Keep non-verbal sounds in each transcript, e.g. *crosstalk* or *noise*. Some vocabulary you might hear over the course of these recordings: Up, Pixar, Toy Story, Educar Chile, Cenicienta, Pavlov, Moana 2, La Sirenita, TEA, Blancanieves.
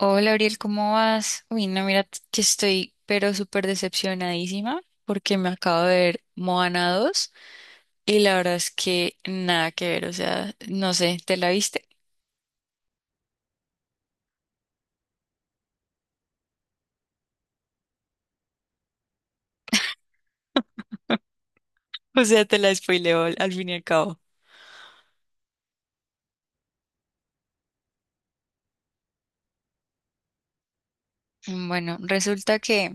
Hola, Ariel, ¿cómo vas? Uy, no, mira que estoy pero súper decepcionadísima porque me acabo de ver Moana 2 y la verdad es que nada que ver, o sea, no sé, ¿te la viste? *laughs* O sea, te la spoileo al fin y al cabo. Bueno, resulta que,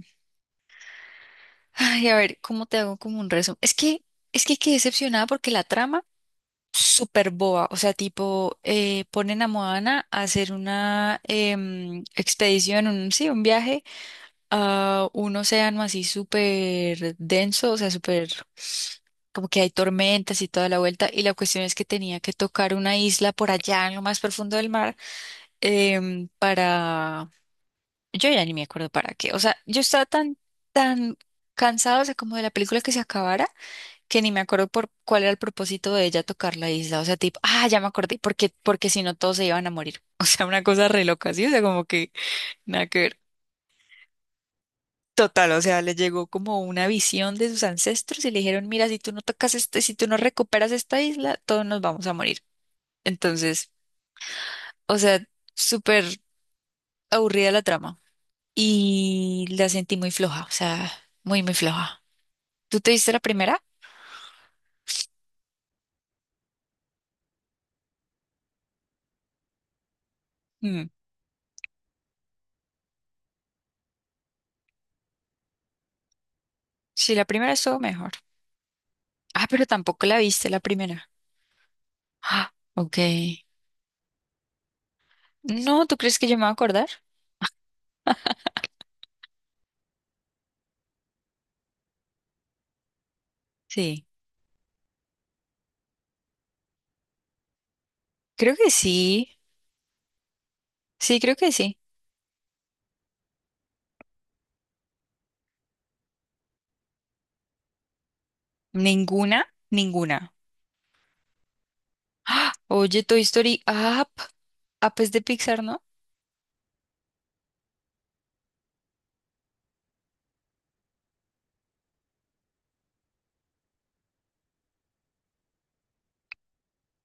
ay, a ver, ¿cómo te hago como un resumen? Es que quedé decepcionada porque la trama, súper boba, o sea, tipo, ponen a Moana a hacer una expedición, un, sí, un viaje a un océano así súper denso, o sea, súper como que hay tormentas y toda la vuelta, y la cuestión es que tenía que tocar una isla por allá en lo más profundo del mar para... Yo ya ni me acuerdo para qué, o sea, yo estaba tan cansada, o sea, como de la película que se acabara, que ni me acuerdo por cuál era el propósito de ella tocar la isla, o sea, tipo, ah, ya me acordé, porque si no todos se iban a morir, *laughs* o sea, una cosa re loca, ¿sí? O sea, como que nada que ver. Total, o sea, le llegó como una visión de sus ancestros y le dijeron, mira, si tú no tocas este, si tú no recuperas esta isla, todos nos vamos a morir. Entonces, o sea, súper aburrida la trama y la sentí muy floja, o sea, muy, muy floja. ¿Tú te viste la primera? Mm. Sí, la primera estuvo mejor. Ah, pero tampoco la viste la primera. Ah, ok. No, ¿tú crees que yo me voy a acordar? Sí, creo que sí. Sí, creo que sí. Ninguna, ninguna. ¡Ah! Oye, Toy Story Up. Ah, pues de Pixar, ¿no?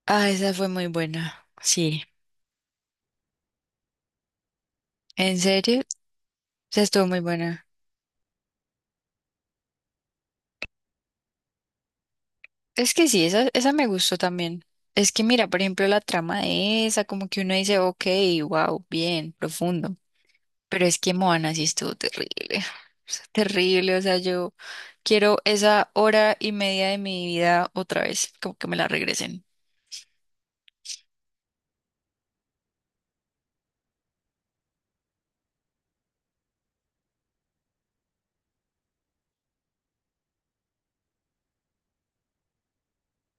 Ah, esa fue muy buena. Sí. ¿En serio? Esa estuvo muy buena. Es que sí, esa me gustó también. Es que mira, por ejemplo, la trama de esa, como que uno dice, ok, wow, bien, profundo. Pero es que Moana sí estuvo terrible. *sighs* O sea, terrible, o sea, yo quiero esa hora y media de mi vida otra vez, como que me la regresen.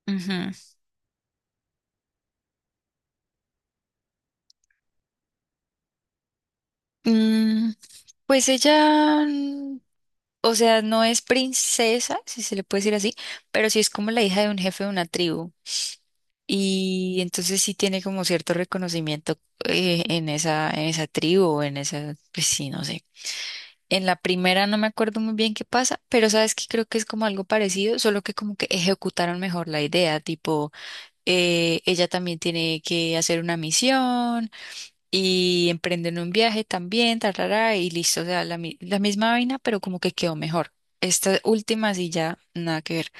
Ujú. Mm. Pues ella, o sea, no es princesa, si se le puede decir así, pero sí es como la hija de un jefe de una tribu. Y entonces sí tiene como cierto reconocimiento en esa tribu, o en esa, pues sí, no sé. En la primera no me acuerdo muy bien qué pasa, pero sabes que creo que es como algo parecido, solo que como que ejecutaron mejor la idea, tipo, ella también tiene que hacer una misión, y emprenden un viaje también, tarara, y listo, o sea, la, la misma vaina, pero como que quedó mejor. Esta última sí ya nada que ver.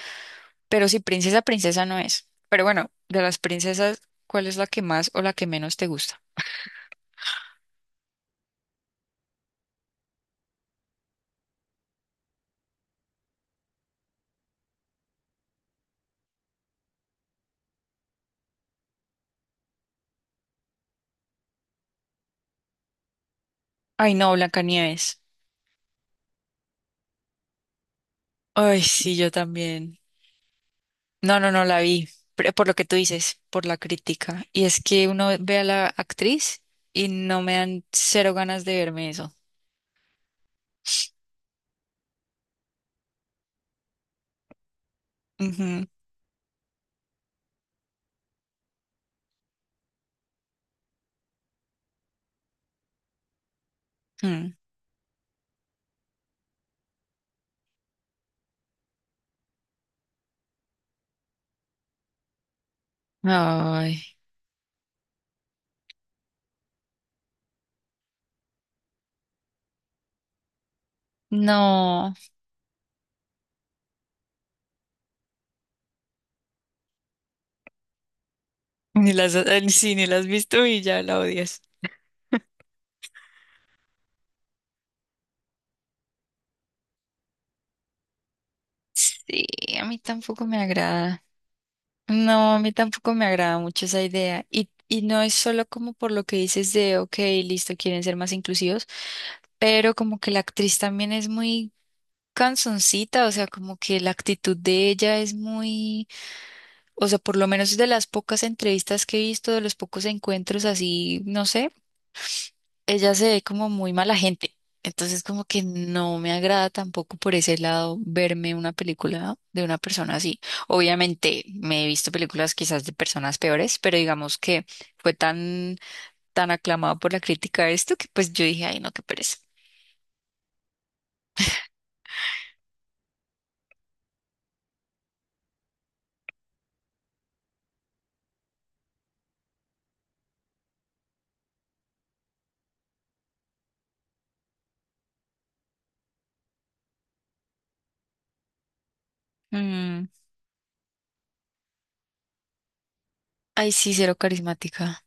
Pero si princesa, princesa no es. Pero bueno, de las princesas, ¿cuál es la que más o la que menos te gusta? Ay, no, Blancanieves. Ay, sí, yo también. No, no, no la vi. Pero por lo que tú dices, por la crítica. Y es que uno ve a la actriz y no me dan cero ganas de verme eso. Ujú. Mm. Ay, no. Ni las, sí, ni las has visto y ya la odias. Sí, a mí tampoco me agrada. No, a mí tampoco me agrada mucho esa idea. Y no es solo como por lo que dices de, ok, listo, quieren ser más inclusivos, pero como que la actriz también es muy canzoncita, o sea, como que la actitud de ella es muy, o sea, por lo menos de las pocas entrevistas que he visto, de los pocos encuentros así, no sé. Ella se ve como muy mala gente. Entonces como que no me agrada tampoco por ese lado verme una película de una persona así. Obviamente me he visto películas quizás de personas peores, pero digamos que fue tan aclamado por la crítica de esto que pues yo dije, ay no, qué pereza. Mm. Ay sí, cero carismática.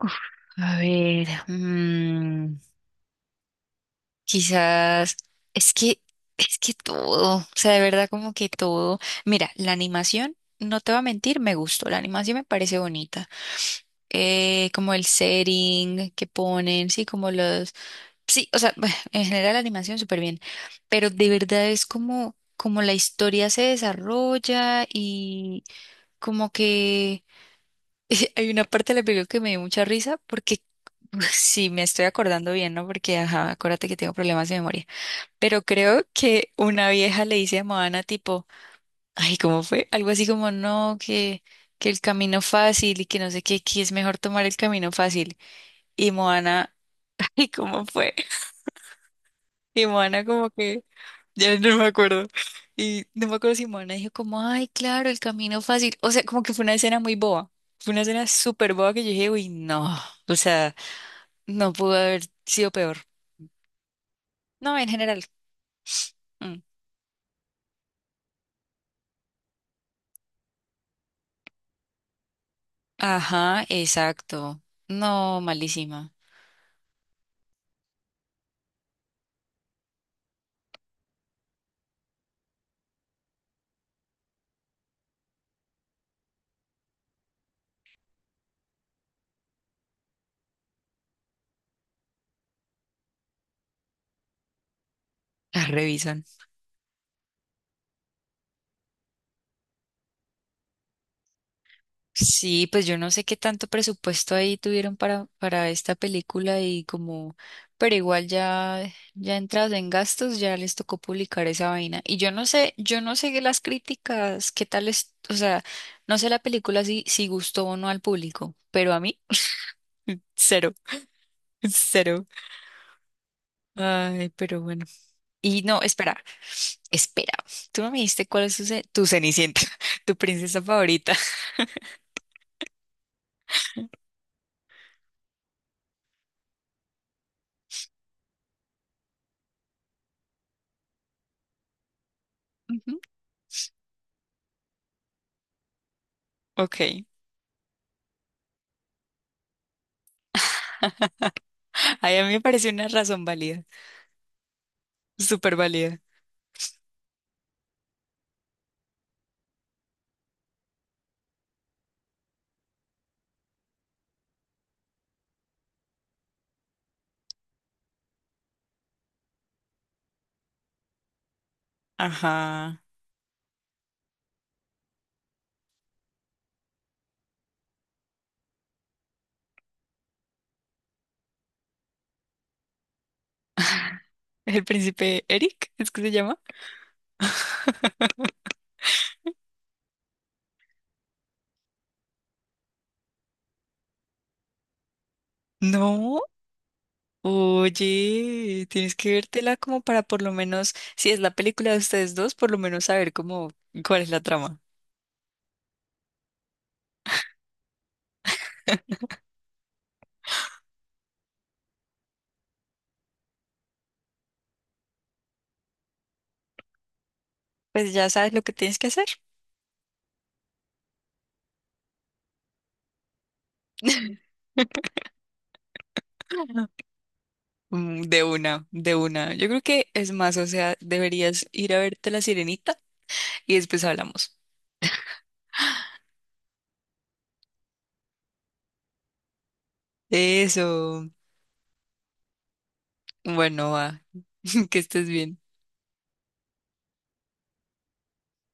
Uf, a ver. Quizás es que es que todo, o sea, de verdad como que todo. Mira, la animación, no te voy a mentir, me gustó, la animación me parece bonita. Como el setting que ponen, sí, como los, sí, o sea, *laughs* en general la animación súper bien, pero de verdad es como como la historia se desarrolla y como que *laughs* hay una parte de la película que me dio mucha risa porque *laughs* sí, me estoy acordando bien, ¿no? Porque ajá, acuérdate que tengo problemas de memoria. Pero creo que una vieja le dice a Moana tipo, ay, ¿cómo fue? Algo así como, no, que el camino fácil y que no sé qué, que es mejor tomar el camino fácil. Y Moana, *laughs* ay, ¿cómo fue? Y Moana como que, ya no me acuerdo. Y no me acuerdo si Moana dijo como, ay, claro, el camino fácil. O sea, como que fue una escena muy boba. Fue una escena súper boba que yo dije, uy, no. O sea, no pudo haber sido peor. No, en general. Mm. Ajá, exacto. No, malísima. Las revisan. Sí, pues yo no sé qué tanto presupuesto ahí tuvieron para esta película y como, pero igual ya, ya entrados en gastos, ya les tocó publicar esa vaina. Y yo no sé las críticas, qué tal es, o sea, no sé la película si, si gustó o no al público, pero a mí, cero, *laughs* cero. Ay, pero bueno. Y no, espera, espera. Tú no me dijiste cuál es tu, tu Cenicienta, *laughs* tu princesa favorita. *laughs* Ujú. Ok. Ay, a mí me pareció una razón válida, súper válida. Ajá. ¿El príncipe Eric? ¿Es que se llama? *laughs* No, oye, tienes que vértela como para por lo menos, si es la película de ustedes dos, por lo menos saber cómo, cuál es la trama. Pues ya sabes lo que tienes que hacer. *laughs* Mm. De una, de una. Yo creo que es más, o sea, deberías ir a verte La Sirenita y después hablamos. Eso. Bueno, va. *laughs* Que estés bien.